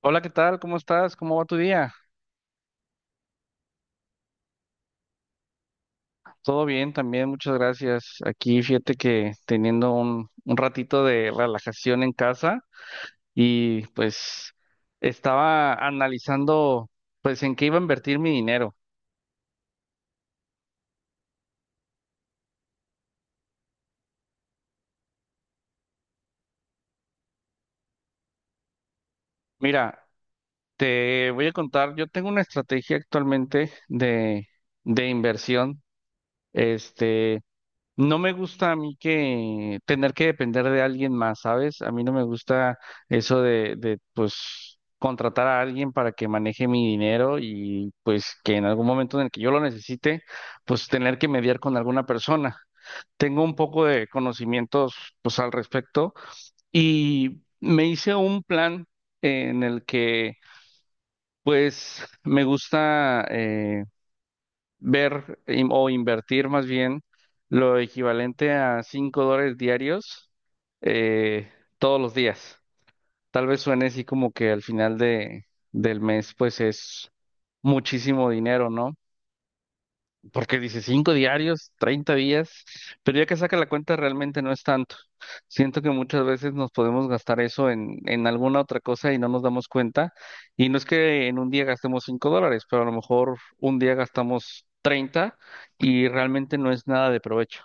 Hola, ¿qué tal? ¿Cómo estás? ¿Cómo va tu día? Todo bien también, muchas gracias. Aquí fíjate que teniendo un ratito de relajación en casa y pues estaba analizando pues en qué iba a invertir mi dinero. Mira, te voy a contar, yo tengo una estrategia actualmente de inversión. Este, No me gusta a mí que tener que depender de alguien más, ¿sabes? A mí no me gusta eso pues, contratar a alguien para que maneje mi dinero y, pues, que en algún momento en el que yo lo necesite, pues, tener que mediar con alguna persona. Tengo un poco de conocimientos, pues, al respecto y me hice un plan en el que, pues, me gusta ver o invertir más bien lo equivalente a $5 diarios eh, todos los días. Tal vez suene así como que al final del mes pues es muchísimo dinero, ¿no? Porque dice cinco diarios, 30 días, pero ya que saca la cuenta realmente no es tanto. Siento que muchas veces nos podemos gastar eso en alguna otra cosa y no nos damos cuenta. Y no es que en un día gastemos $5, pero a lo mejor un día gastamos 30 y realmente no es nada de provecho.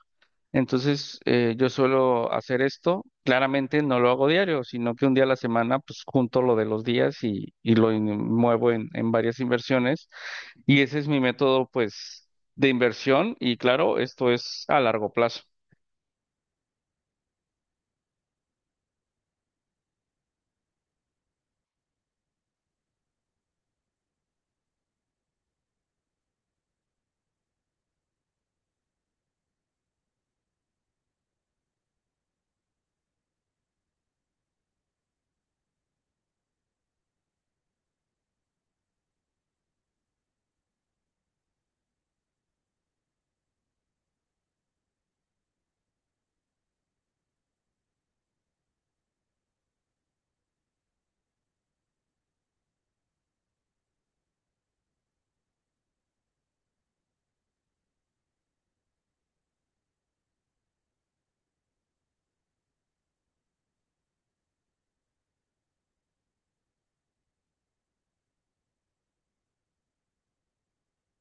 Entonces, yo suelo hacer esto. Claramente no lo hago diario, sino que un día a la semana, pues junto lo de los días y muevo en varias inversiones. Y ese es mi método, pues, de inversión. Y claro, esto es a largo plazo.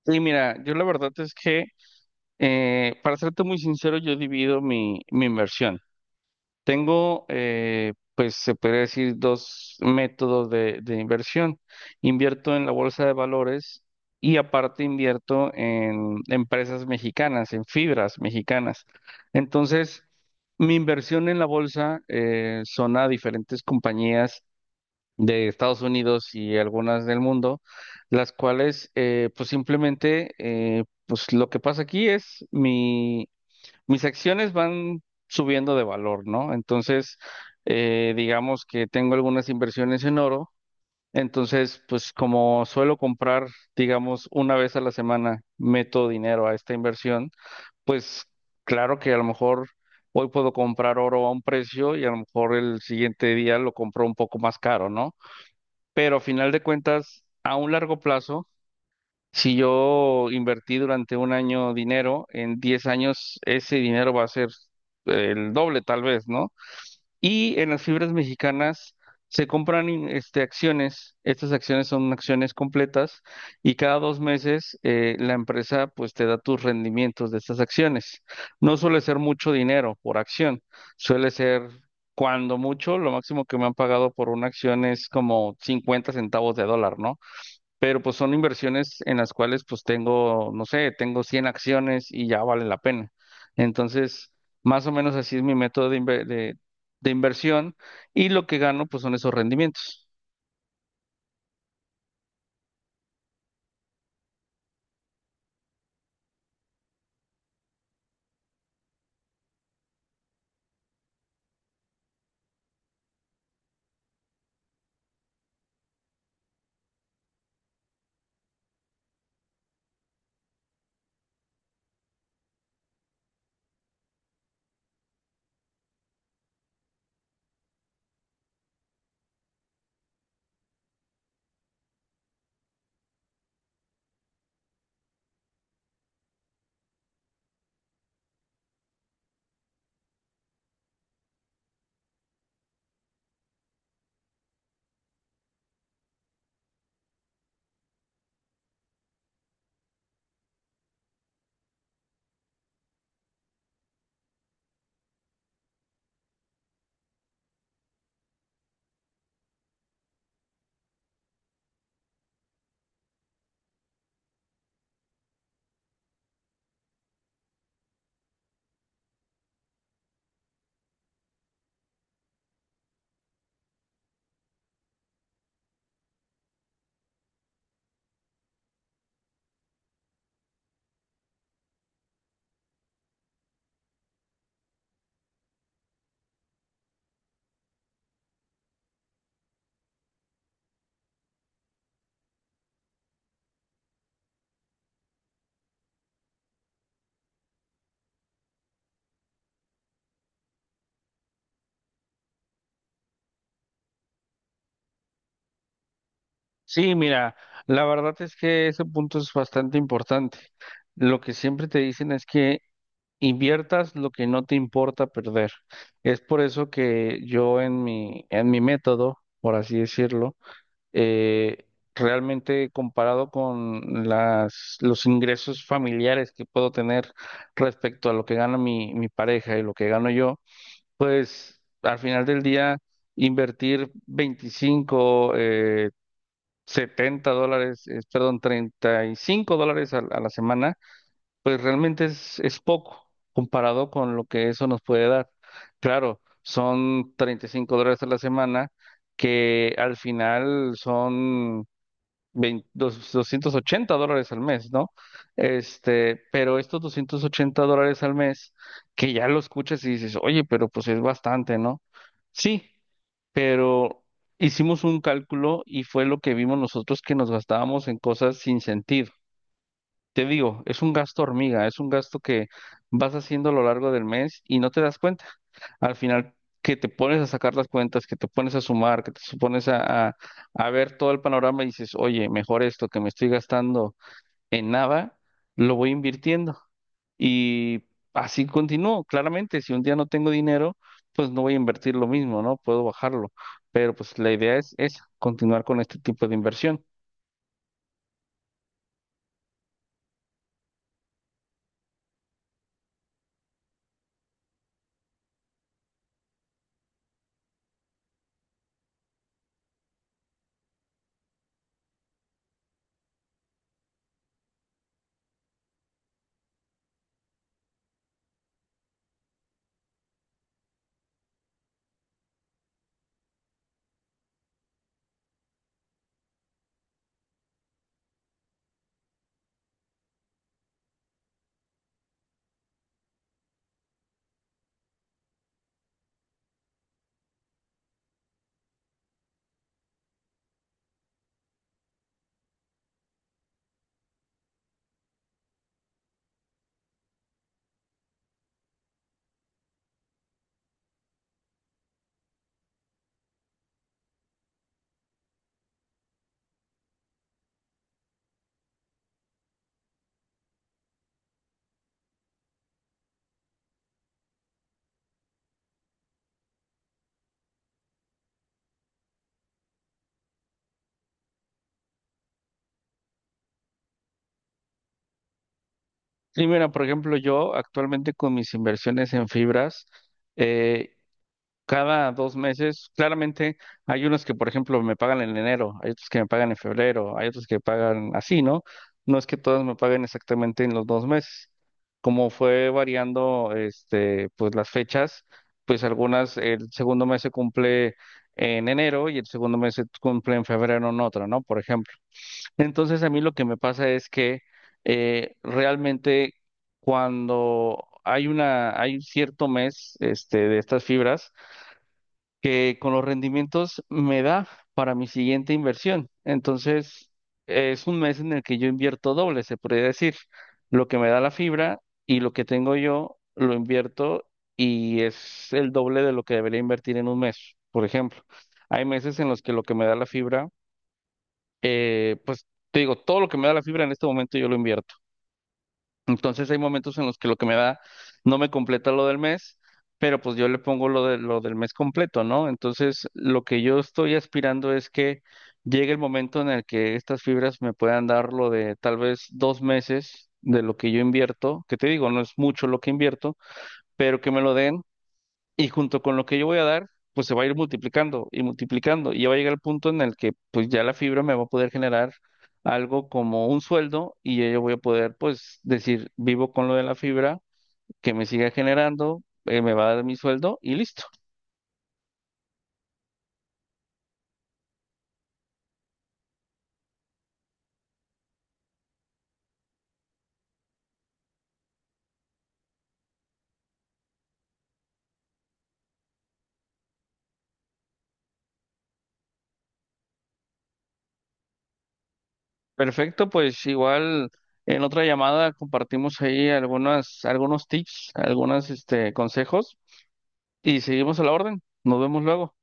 Y mira, yo la verdad es que, para serte muy sincero, yo divido mi inversión. Tengo, pues se podría decir, dos métodos de inversión. Invierto en la bolsa de valores y aparte invierto en empresas mexicanas, en fibras mexicanas. Entonces, mi inversión en la bolsa son a diferentes compañías de Estados Unidos y algunas del mundo, las cuales, pues simplemente, pues lo que pasa aquí es mis acciones van subiendo de valor, ¿no? Entonces, digamos que tengo algunas inversiones en oro, entonces, pues como suelo comprar, digamos, una vez a la semana, meto dinero a esta inversión, pues claro que a lo mejor hoy puedo comprar oro a un precio y a lo mejor el siguiente día lo compro un poco más caro, ¿no? Pero a final de cuentas, a un largo plazo, si yo invertí durante un año dinero, en 10 años ese dinero va a ser el doble tal vez, ¿no? Y en las fibras mexicanas se compran acciones, estas acciones son acciones completas y cada 2 meses la empresa pues te da tus rendimientos de estas acciones. No suele ser mucho dinero por acción, suele ser cuando mucho, lo máximo que me han pagado por una acción es como 50 centavos de dólar, ¿no? Pero pues son inversiones en las cuales pues tengo, no sé, tengo 100 acciones y ya vale la pena. Entonces, más o menos así es mi método de inversión y lo que gano pues son esos rendimientos. Sí, mira, la verdad es que ese punto es bastante importante. Lo que siempre te dicen es que inviertas lo que no te importa perder. Es por eso que yo en mi método, por así decirlo, eh, realmente comparado con los ingresos familiares que puedo tener respecto a lo que gana mi pareja y lo que gano yo, pues al final del día invertir 25, $70, perdón, $35 a la semana, pues realmente es poco comparado con lo que eso nos puede dar. Claro, son $35 a la semana que al final son $280 al mes, ¿no? Pero estos $280 al mes, que ya lo escuchas y dices, oye, pero pues es bastante, ¿no? Sí, pero hicimos un cálculo y fue lo que vimos nosotros que nos gastábamos en cosas sin sentido. Te digo, es un gasto hormiga, es un gasto que vas haciendo a lo largo del mes y no te das cuenta al final que te pones a sacar las cuentas, que te pones a sumar, que pones a ver todo el panorama y dices, oye, mejor esto que me estoy gastando en nada, lo voy invirtiendo. Y así continúo, claramente, si un día no tengo dinero, pues no voy a invertir lo mismo, ¿no? Puedo bajarlo, pero pues la idea es esa, continuar con este tipo de inversión. Y mira, por ejemplo, yo actualmente con mis inversiones en fibras, eh, Cada dos meses, claramente hay unos que, por ejemplo, me pagan en enero, hay otros que me pagan en febrero, hay otros que pagan así, ¿no? No es que todos me paguen exactamente en los 2 meses. Como fue variando, pues las fechas, pues algunas, el segundo mes se cumple en enero y el segundo mes se cumple en febrero en otro, ¿no? Por ejemplo. Entonces a mí lo que me pasa es que realmente cuando hay un cierto mes, de estas fibras, que con los rendimientos me da para mi siguiente inversión. Entonces, es un mes en el que yo invierto doble, se podría decir. Lo que me da la fibra y lo que tengo yo lo invierto y es el doble de lo que debería invertir en un mes, por ejemplo. Hay meses en los que lo que me da la fibra, pues te digo, todo lo que me da la fibra en este momento yo lo invierto. Entonces hay momentos en los que lo que me da no me completa lo del mes, pero pues yo le pongo lo del mes completo, ¿no? Entonces lo que yo estoy aspirando es que llegue el momento en el que estas fibras me puedan dar lo de tal vez 2 meses de lo que yo invierto, que te digo, no es mucho lo que invierto, pero que me lo den y junto con lo que yo voy a dar, pues se va a ir multiplicando y multiplicando y ya va a llegar el punto en el que pues ya la fibra me va a poder generar algo como un sueldo y ya yo voy a poder pues decir, vivo con lo de la fibra, que me siga generando, me va a dar mi sueldo y listo. Perfecto, pues igual en otra llamada compartimos ahí algunos tips, algunos consejos y seguimos a la orden. Nos vemos luego.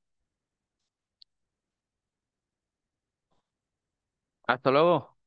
Hasta luego.